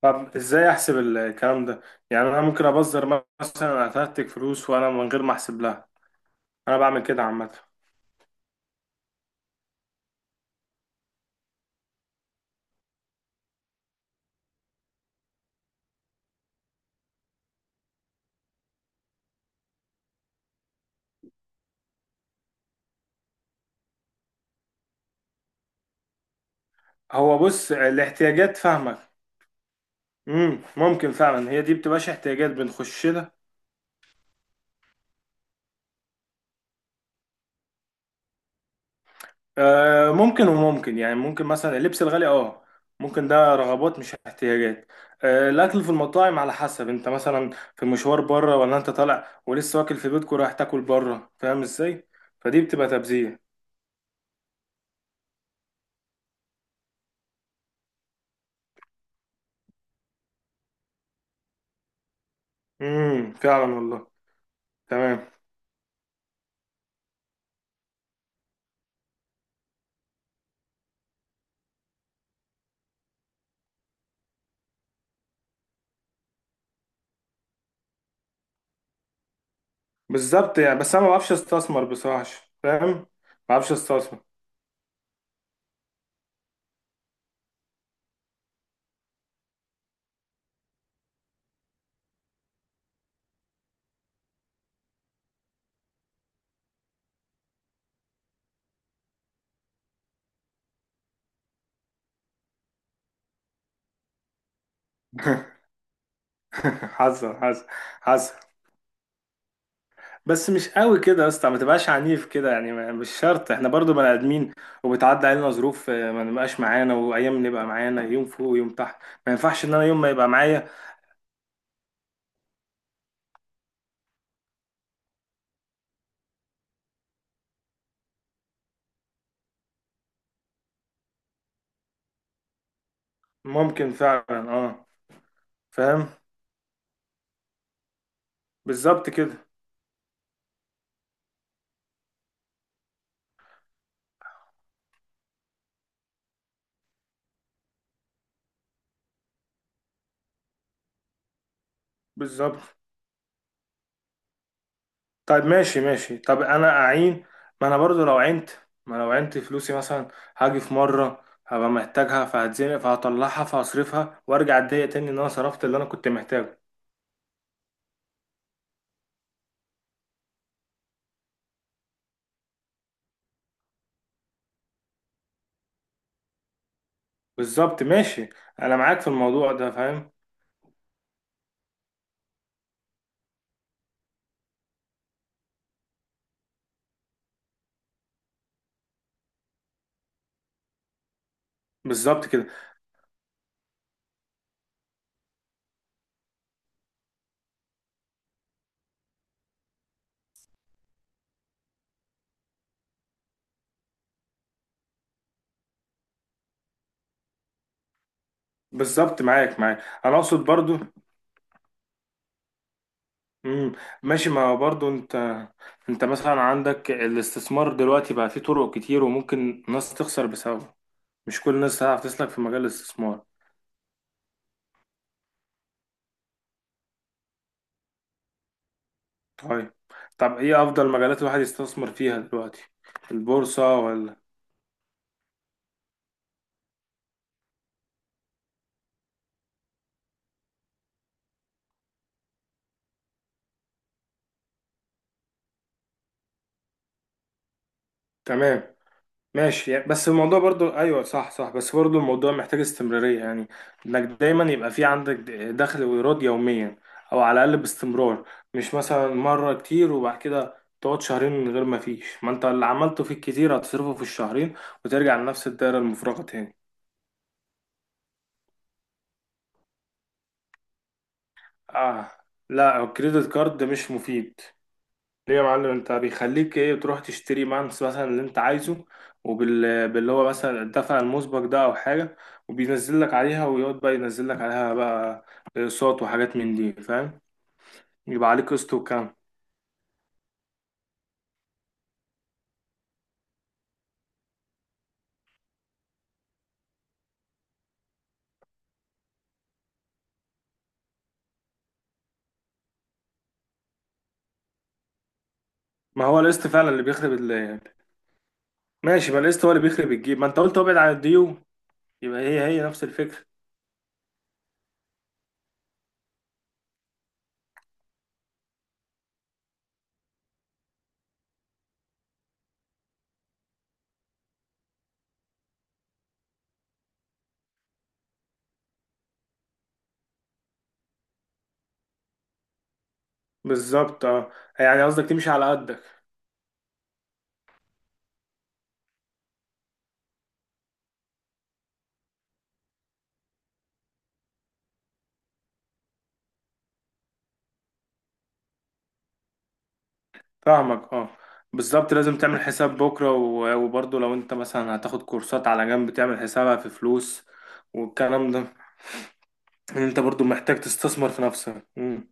طب ازاي احسب الكلام ده؟ يعني انا ممكن ابذر مثلا اترتك فلوس وانا من غير ما احسب لها. انا بعمل كده عامه. هو بص الاحتياجات فاهمك. ممكن فعلا هي دي بتبقاش احتياجات بنخش لها. آه ممكن، وممكن يعني ممكن مثلا اللبس الغالي اه، ممكن ده رغبات مش احتياجات. آه الاكل في المطاعم على حسب، انت مثلا في المشوار بره ولا انت طالع ولسه واكل في بيتك ورايح تاكل بره، فاهم ازاي؟ فدي بتبقى تبذير. فعلا والله. تمام. بالظبط، يعني بس انا ما بعرفش استثمر بصراحه. فاهم، ما بعرفش استثمر. حصل حصل. بس مش قوي كده يا اسطى، ما تبقاش عنيف كده يعني. ما- مش شرط، احنا برضو بني ادمين وبتعدي علينا ظروف آه، ما نبقاش معانا وايام نبقى معانا، يوم فوق ويوم تحت. ما ينفعش ان انا يوم ما يبقى معايا. ممكن فعلا اه. فاهم. بالظبط كده. بالظبط. طيب ماشي ماشي، طب انا اعين؟ ما انا برضو لو عينت، ما لو عينت فلوسي مثلا، هاجي في مره هبقى محتاجها فهتزنق فهطلعها فهصرفها وارجع اتضايق تاني ان انا صرفت اللي انا كنت محتاجه. بالظبط، ماشي. انا معاك في الموضوع ده فاهم. بالظبط كده. بالظبط، معاك معاك. انا اقصد برضو، امم ماشي. ما هو برضو انت، انت مثلا عندك الاستثمار دلوقتي بقى فيه طرق كتير وممكن ناس تخسر بسببه. مش كل الناس هتعرف تسلك في مجال الاستثمار. طيب، طب ايه افضل مجالات الواحد يستثمر فيها دلوقتي؟ البورصة ولا؟ تمام. ماشي يعني- بس الموضوع برضو، ايوه صح صح، بس برضو الموضوع محتاج استمرارية يعني، انك دايما يبقى في عندك دخل وايراد يوميا، او على الاقل باستمرار. مش مثلا مرة كتير وبعد كده تقعد شهرين من غير ما فيش، ما انت اللي عملته في الكتير هتصرفه في الشهرين وترجع لنفس الدائرة المفرغة تاني. اه لا، الكريدت كارد مش مفيد. ليه يا معلم؟ انت بيخليك ايه؟ تروح تشتري مانس مثلا اللي انت عايزه، وبال باللي هو مثلا الدفع المسبق ده او حاجه، وبينزل لك عليها ويقعد بقى ينزل لك عليها بقى اقساط وحاجات من دي، فاهم؟ يبقى عليك قسط وكام. ما هو القسط فعلا اللي بيخرب ال- ماشي، ما القسط هو اللي بيخرب الجيب، ما انت قلت ابعد عن الديون، يبقى هي هي نفس الفكره. بالظبط اه. يعني قصدك تمشي على قدك. فاهمك اه. بالظبط، لازم تعمل حساب بكرة و- وبرضه لو انت مثلا هتاخد كورسات على جنب تعمل حسابها في فلوس والكلام ده، ان انت برضه محتاج تستثمر في نفسك. مم.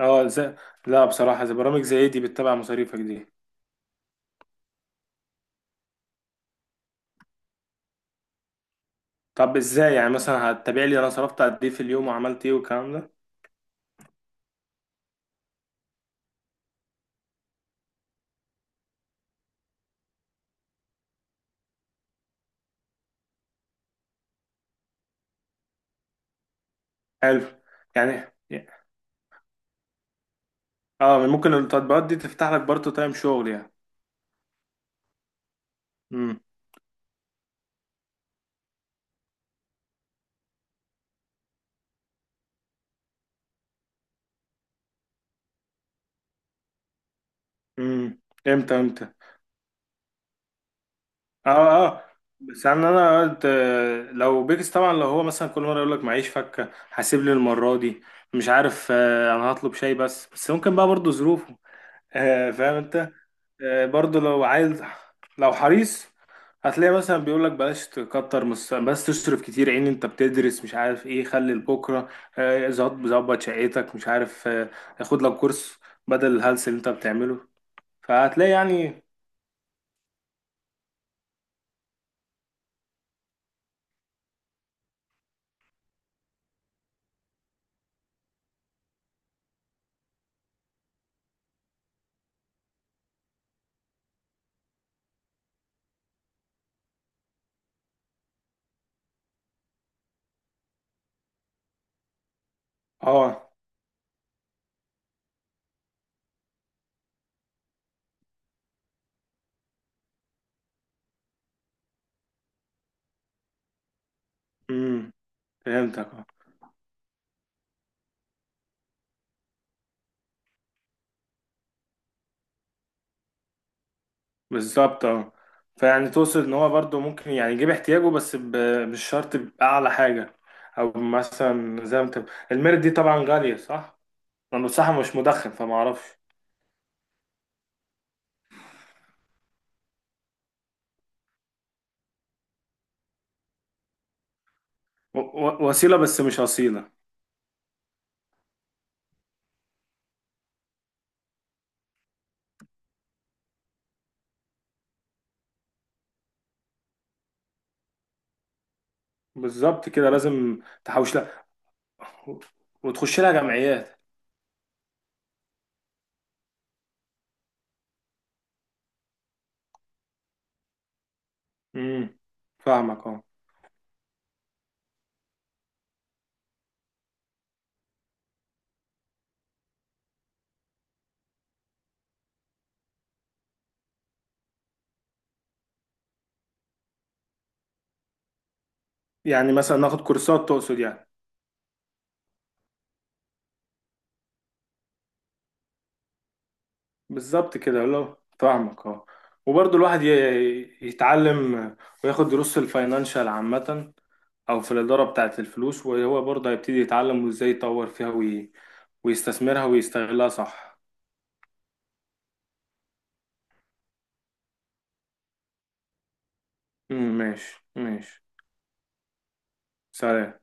اه ازاي؟ لا بصراحة، زي برامج زي دي بتتابع مصاريفك دي؟ طب ازاي؟ يعني مثلا هتتابع لي انا صرفت قد ايه في اليوم وعملت ايه والكلام ده؟ حلو يعني. اه ممكن التطبيقات دي تفتح لك برضه تايم شغل يعني. امم امم، امتى امتى؟ اه اه. بس يعني انا قلت آه، لو بيكس طبعا، لو هو مثلا كل مره يقول لك معيش فكه هسيب لي المره دي، مش عارف آه، انا هطلب شاي بس، بس ممكن بقى برضو ظروفه. آه، فاهم انت. آه، برضو لو عايز، لو حريص، هتلاقي مثلا بيقول لك بلاش تكتر مس- بس تصرف كتير، عين، انت بتدرس مش عارف ايه، خلي لبكره. آه، ظبط ظبط شقتك، مش عارف آه، خد لك كورس بدل الهلس اللي انت بتعمله. فهتلاقي يعني. اه. امم فهمتك. بالظبط اه. فيعني توصل ان هو برضه ممكن يعني يجيب احتياجه، بس ب- مش شرط بأعلى حاجة، او مثلا زي ما انت. الميرت دي طبعا غالية صح؟ انا بصراحة مش مدخن فما اعرفش. و- و- وسيلة بس مش أصيلة. بالظبط كده، لازم تحوش لها و- وتخش لها جمعيات. امم فاهمك اه. يعني مثلا ناخد كورسات تقصد يعني. بالظبط كده، لو فاهمك اه. وبرضه الواحد ي- يتعلم وياخد دروس في الفاينانشال عامة، أو في الإدارة بتاعة الفلوس وهو برضه هيبتدي يتعلم، وإزاي يطور فيها وي... ويستثمرها ويستغلها صح. مم، ماشي ماشي. سلام.